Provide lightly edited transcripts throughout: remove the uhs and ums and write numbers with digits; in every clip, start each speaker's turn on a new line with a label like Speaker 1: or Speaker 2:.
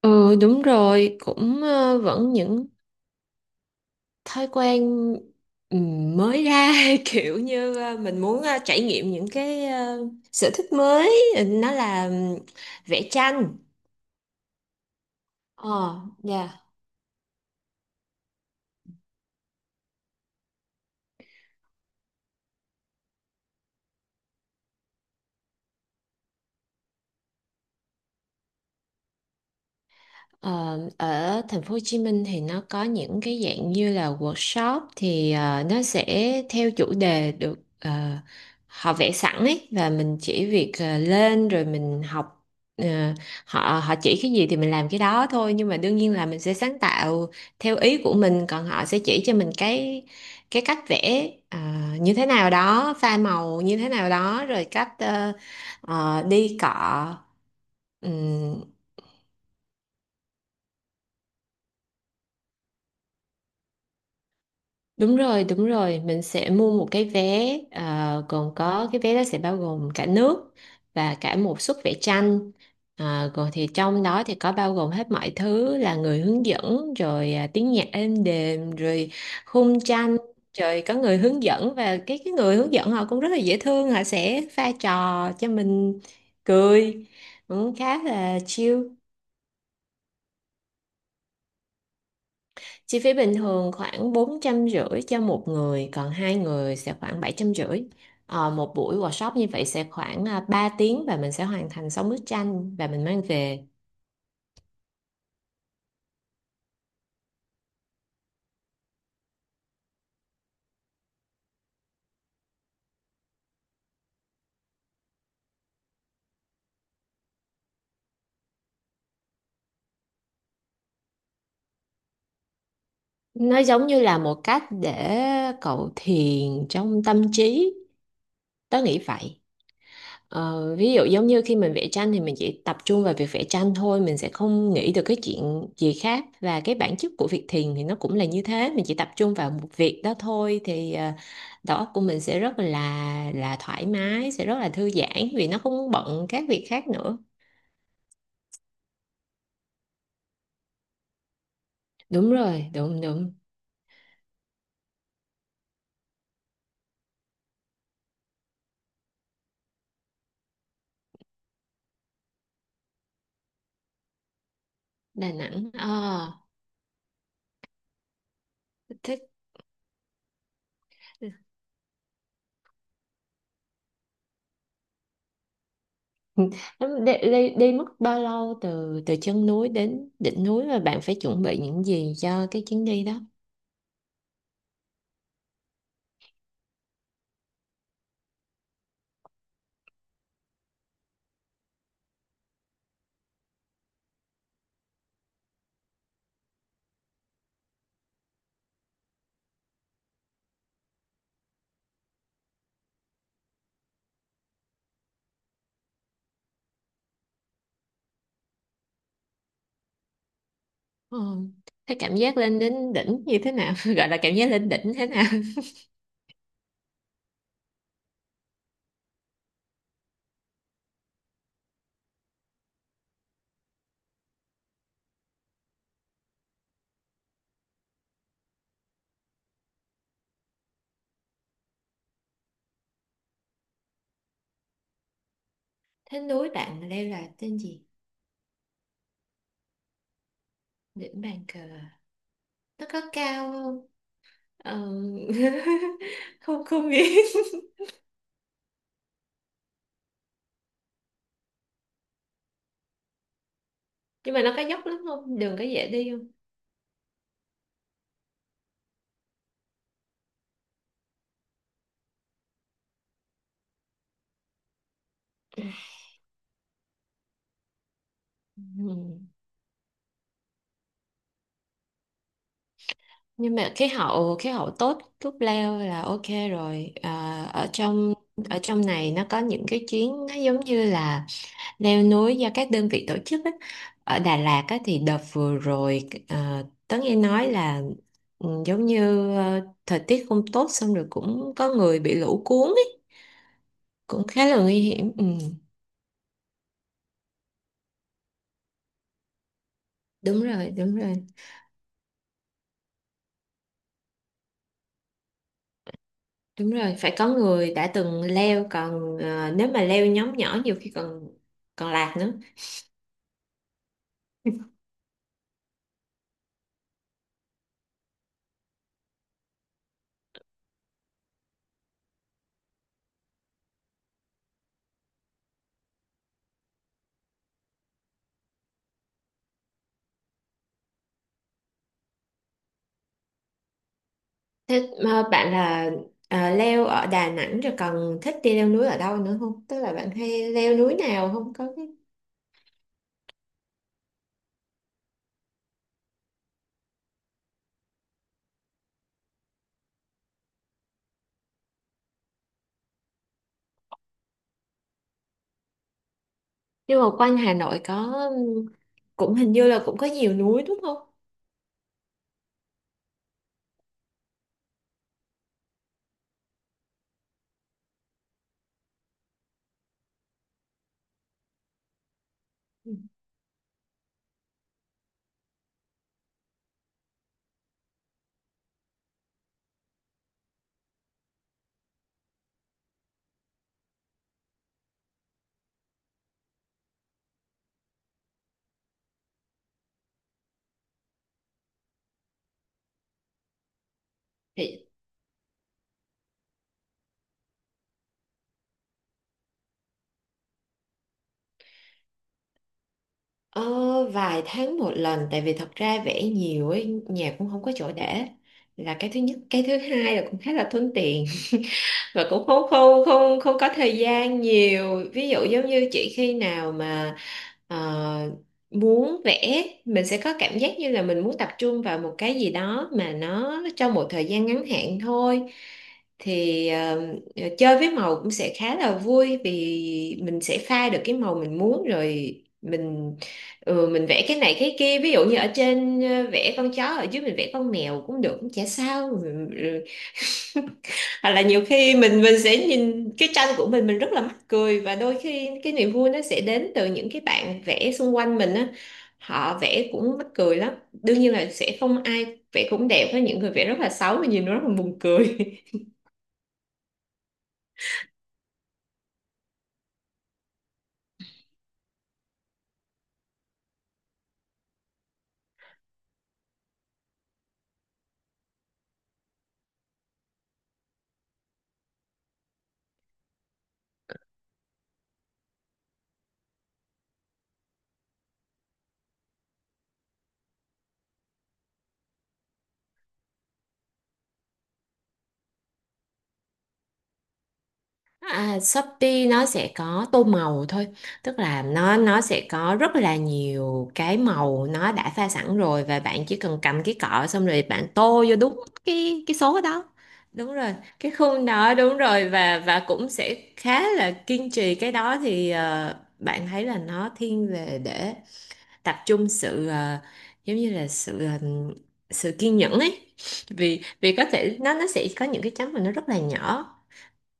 Speaker 1: Ừ, đúng rồi, cũng vẫn những thói quen mới ra kiểu như mình muốn trải nghiệm những cái sở thích mới. Nó là vẽ tranh. ờ dạ. Ờ, ở thành phố Hồ Chí Minh thì nó có những cái dạng như là workshop, thì nó sẽ theo chủ đề, được họ vẽ sẵn ấy, và mình chỉ việc lên rồi mình học. ờ, họ họ chỉ cái gì thì mình làm cái đó thôi, nhưng mà đương nhiên là mình sẽ sáng tạo theo ý của mình, còn họ sẽ chỉ cho mình cái cách vẽ như thế nào đó, pha màu như thế nào đó, rồi cách đi cọ. Ừ. Đúng rồi, mình sẽ mua một cái vé gồm có, cái vé đó sẽ bao gồm cả nước và cả một suất vẽ tranh. Ờ, còn thì trong đó thì có bao gồm hết mọi thứ, là người hướng dẫn rồi à, tiếng nhạc êm đềm, rồi khung tranh, rồi có người hướng dẫn, và cái người hướng dẫn họ cũng rất là dễ thương, họ sẽ pha trò cho mình cười, cũng khá là chill. Chi phí bình thường khoảng 450 cho một người, còn hai người sẽ khoảng 750. Ờ, một buổi workshop như vậy sẽ khoảng 3 tiếng, và mình sẽ hoàn thành 6 bức tranh và mình mang về. Nó giống như là một cách để cậu thiền trong tâm trí, tớ nghĩ vậy. Ờ, ví dụ giống như khi mình vẽ tranh thì mình chỉ tập trung vào việc vẽ tranh thôi, mình sẽ không nghĩ được cái chuyện gì khác, và cái bản chất của việc thiền thì nó cũng là như thế, mình chỉ tập trung vào một việc đó thôi, thì đầu óc của mình sẽ rất là thoải mái, sẽ rất là thư giãn vì nó không bận các việc khác nữa. Đúng rồi, đúng đúng Đà Nẵng à? Thích. Đi mất bao lâu từ từ chân núi đến đỉnh núi, và bạn phải chuẩn bị những gì cho cái chuyến đi đó? Ờ. Thế cảm giác lên đến đỉnh như thế nào? Gọi là cảm giác lên đỉnh thế nào? Thế núi bạn leo là tên gì? Đỉnh bàn cờ à? Nó có cao không? Ờ. Không không biết. Nhưng mà nó có dốc lắm không? Đường có dễ đi không? Ừ. Nhưng mà khí hậu tốt lúc leo là ok rồi. À, ở trong này nó có những cái chuyến nó giống như là leo núi do các đơn vị tổ chức á. Ở Đà Lạt á, thì đợt vừa rồi tớ nghe nói là ừ, giống như thời tiết không tốt, xong rồi cũng có người bị lũ cuốn ấy, cũng khá là nguy hiểm, ừ. Đúng rồi, đúng rồi. Đúng rồi, phải có người đã từng leo, còn nếu mà leo nhóm nhỏ nhiều khi còn còn lạc nữa. Thế mà bạn là leo ở Đà Nẵng rồi, còn thích đi leo núi ở đâu nữa không, tức là bạn hay leo núi nào không có? Nhưng mà quanh Hà Nội có, cũng hình như là cũng có nhiều núi đúng không? Ừ. Thì ờ, vài tháng một lần, tại vì thật ra vẽ nhiều ấy, nhà cũng không có chỗ để, là cái thứ nhất. Cái thứ hai là cũng khá là thuận tiện và cũng không không không không có thời gian nhiều. Ví dụ giống như chị, khi nào mà ờ, muốn vẽ, mình sẽ có cảm giác như là mình muốn tập trung vào một cái gì đó mà nó trong một thời gian ngắn hạn thôi, thì chơi với màu cũng sẽ khá là vui, vì mình sẽ pha được cái màu mình muốn rồi. mình ừ, mình vẽ cái này cái kia, ví dụ như ở trên vẽ con chó, ở dưới mình vẽ con mèo cũng được, cũng chả sao. Hoặc là nhiều khi mình sẽ nhìn cái tranh của mình rất là mắc cười, và đôi khi cái niềm vui nó sẽ đến từ những cái bạn vẽ xung quanh mình á, họ vẽ cũng mắc cười lắm. Đương nhiên là sẽ không ai vẽ cũng đẹp, với những người vẽ rất là xấu và nhìn nó rất là buồn cười. À, Shopee nó sẽ có tô màu thôi, tức là nó sẽ có rất là nhiều cái màu, nó đã pha sẵn rồi, và bạn chỉ cần cầm cái cọ, xong rồi bạn tô vô đúng cái số đó. Đúng rồi, cái khung đó, đúng rồi. Và cũng sẽ khá là kiên trì cái đó thì bạn thấy là nó thiên về để tập trung sự giống như là sự sự kiên nhẫn ấy. Vì vì có thể nó sẽ có những cái chấm mà nó rất là nhỏ,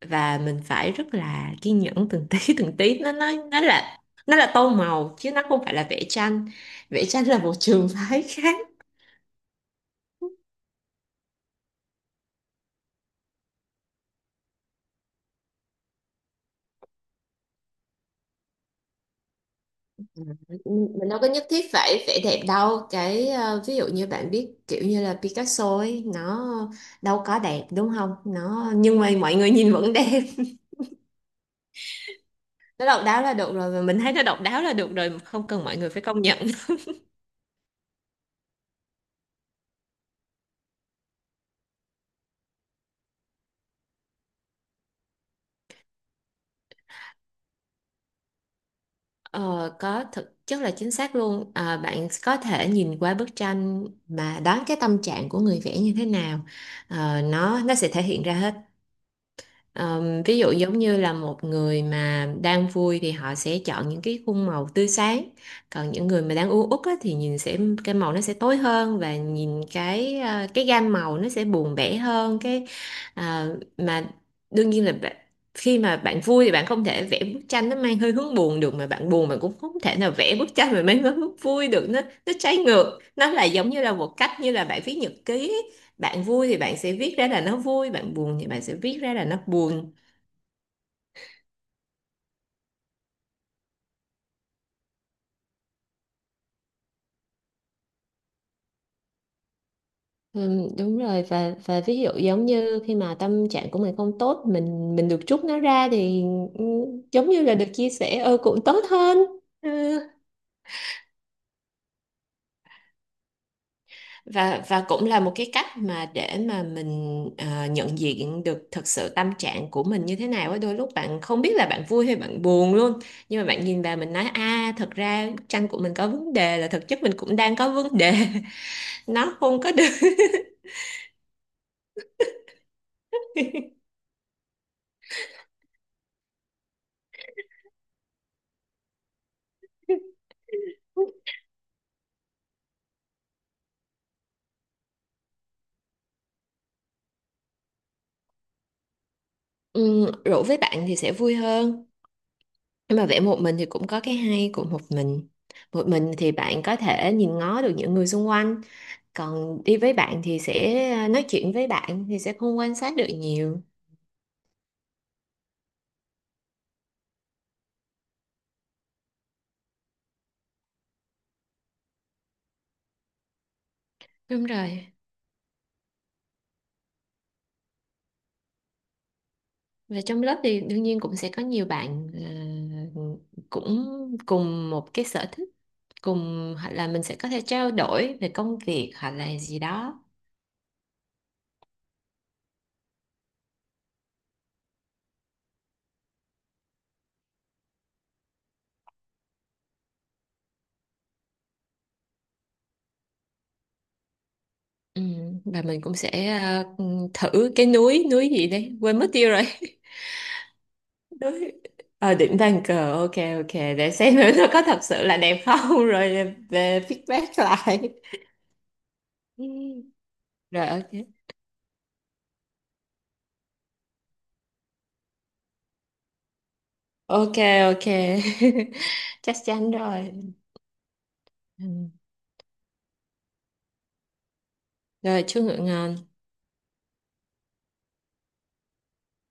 Speaker 1: và mình phải rất là kiên nhẫn từng tí từng tí. Nó là, nó là tô màu chứ nó không phải là vẽ tranh. Vẽ tranh là một trường phái khác. Mình đâu có nhất thiết phải vẽ đẹp đâu, cái ví dụ như bạn biết kiểu như là Picasso ấy, nó đâu có đẹp đúng không, nó, nhưng mà mọi người nhìn vẫn đẹp. Nó độc đáo là được rồi, và mình thấy nó độc đáo là được rồi, không cần mọi người phải công nhận. Ờ, có, thực chất là chính xác luôn, à, bạn có thể nhìn qua bức tranh mà đoán cái tâm trạng của người vẽ như thế nào. Ờ, nó sẽ thể hiện ra hết. Ví dụ giống như là một người mà đang vui thì họ sẽ chọn những cái khung màu tươi sáng, còn những người mà đang u uất á, thì nhìn sẽ, cái màu nó sẽ tối hơn, và nhìn cái à, cái gam màu nó sẽ buồn bã hơn. Cái à, mà Đương nhiên là khi mà bạn vui thì bạn không thể vẽ bức tranh nó mang hơi hướng buồn được, mà bạn buồn bạn cũng không thể nào vẽ bức tranh mà mang hướng vui được. Nó trái ngược. Nó là giống như là một cách như là bạn viết nhật ký, bạn vui thì bạn sẽ viết ra là nó vui, bạn buồn thì bạn sẽ viết ra là nó buồn. Ừ, đúng rồi. Và ví dụ giống như khi mà tâm trạng của mình không tốt, mình được trút nó ra thì ừ, giống như là được chia sẻ, ừ, cũng tốt hơn, ừ. Và cũng là một cái cách mà để mà mình nhận diện được thực sự tâm trạng của mình như thế nào á, đôi lúc bạn không biết là bạn vui hay bạn buồn luôn, nhưng mà bạn nhìn vào mình nói a, thật ra bức tranh của mình có vấn đề, là thực chất mình cũng đang có vấn đề. Nó không có được. Ừ, rủ với bạn thì sẽ vui hơn, nhưng mà vẽ một mình thì cũng có cái hay của một mình. Một mình thì bạn có thể nhìn ngó được những người xung quanh, còn đi với bạn thì sẽ à, nói chuyện với bạn thì sẽ không quan sát được nhiều. Đúng rồi, và trong lớp thì đương nhiên cũng sẽ có nhiều bạn ờ, cũng cùng một cái sở thích cùng, hoặc là mình sẽ có thể trao đổi về công việc hoặc là gì đó. Ừ, và mình cũng sẽ thử cái núi núi gì đấy, quên mất tiêu rồi. Núi đỉnh Bàn Cờ, ok. Ok, để xem thử nó có thật sự là đẹp không rồi về feedback lại. Ừ, rồi ok. Ok, ok. Chắc chắn rồi. Ừ, rồi chúc ngựa ngon.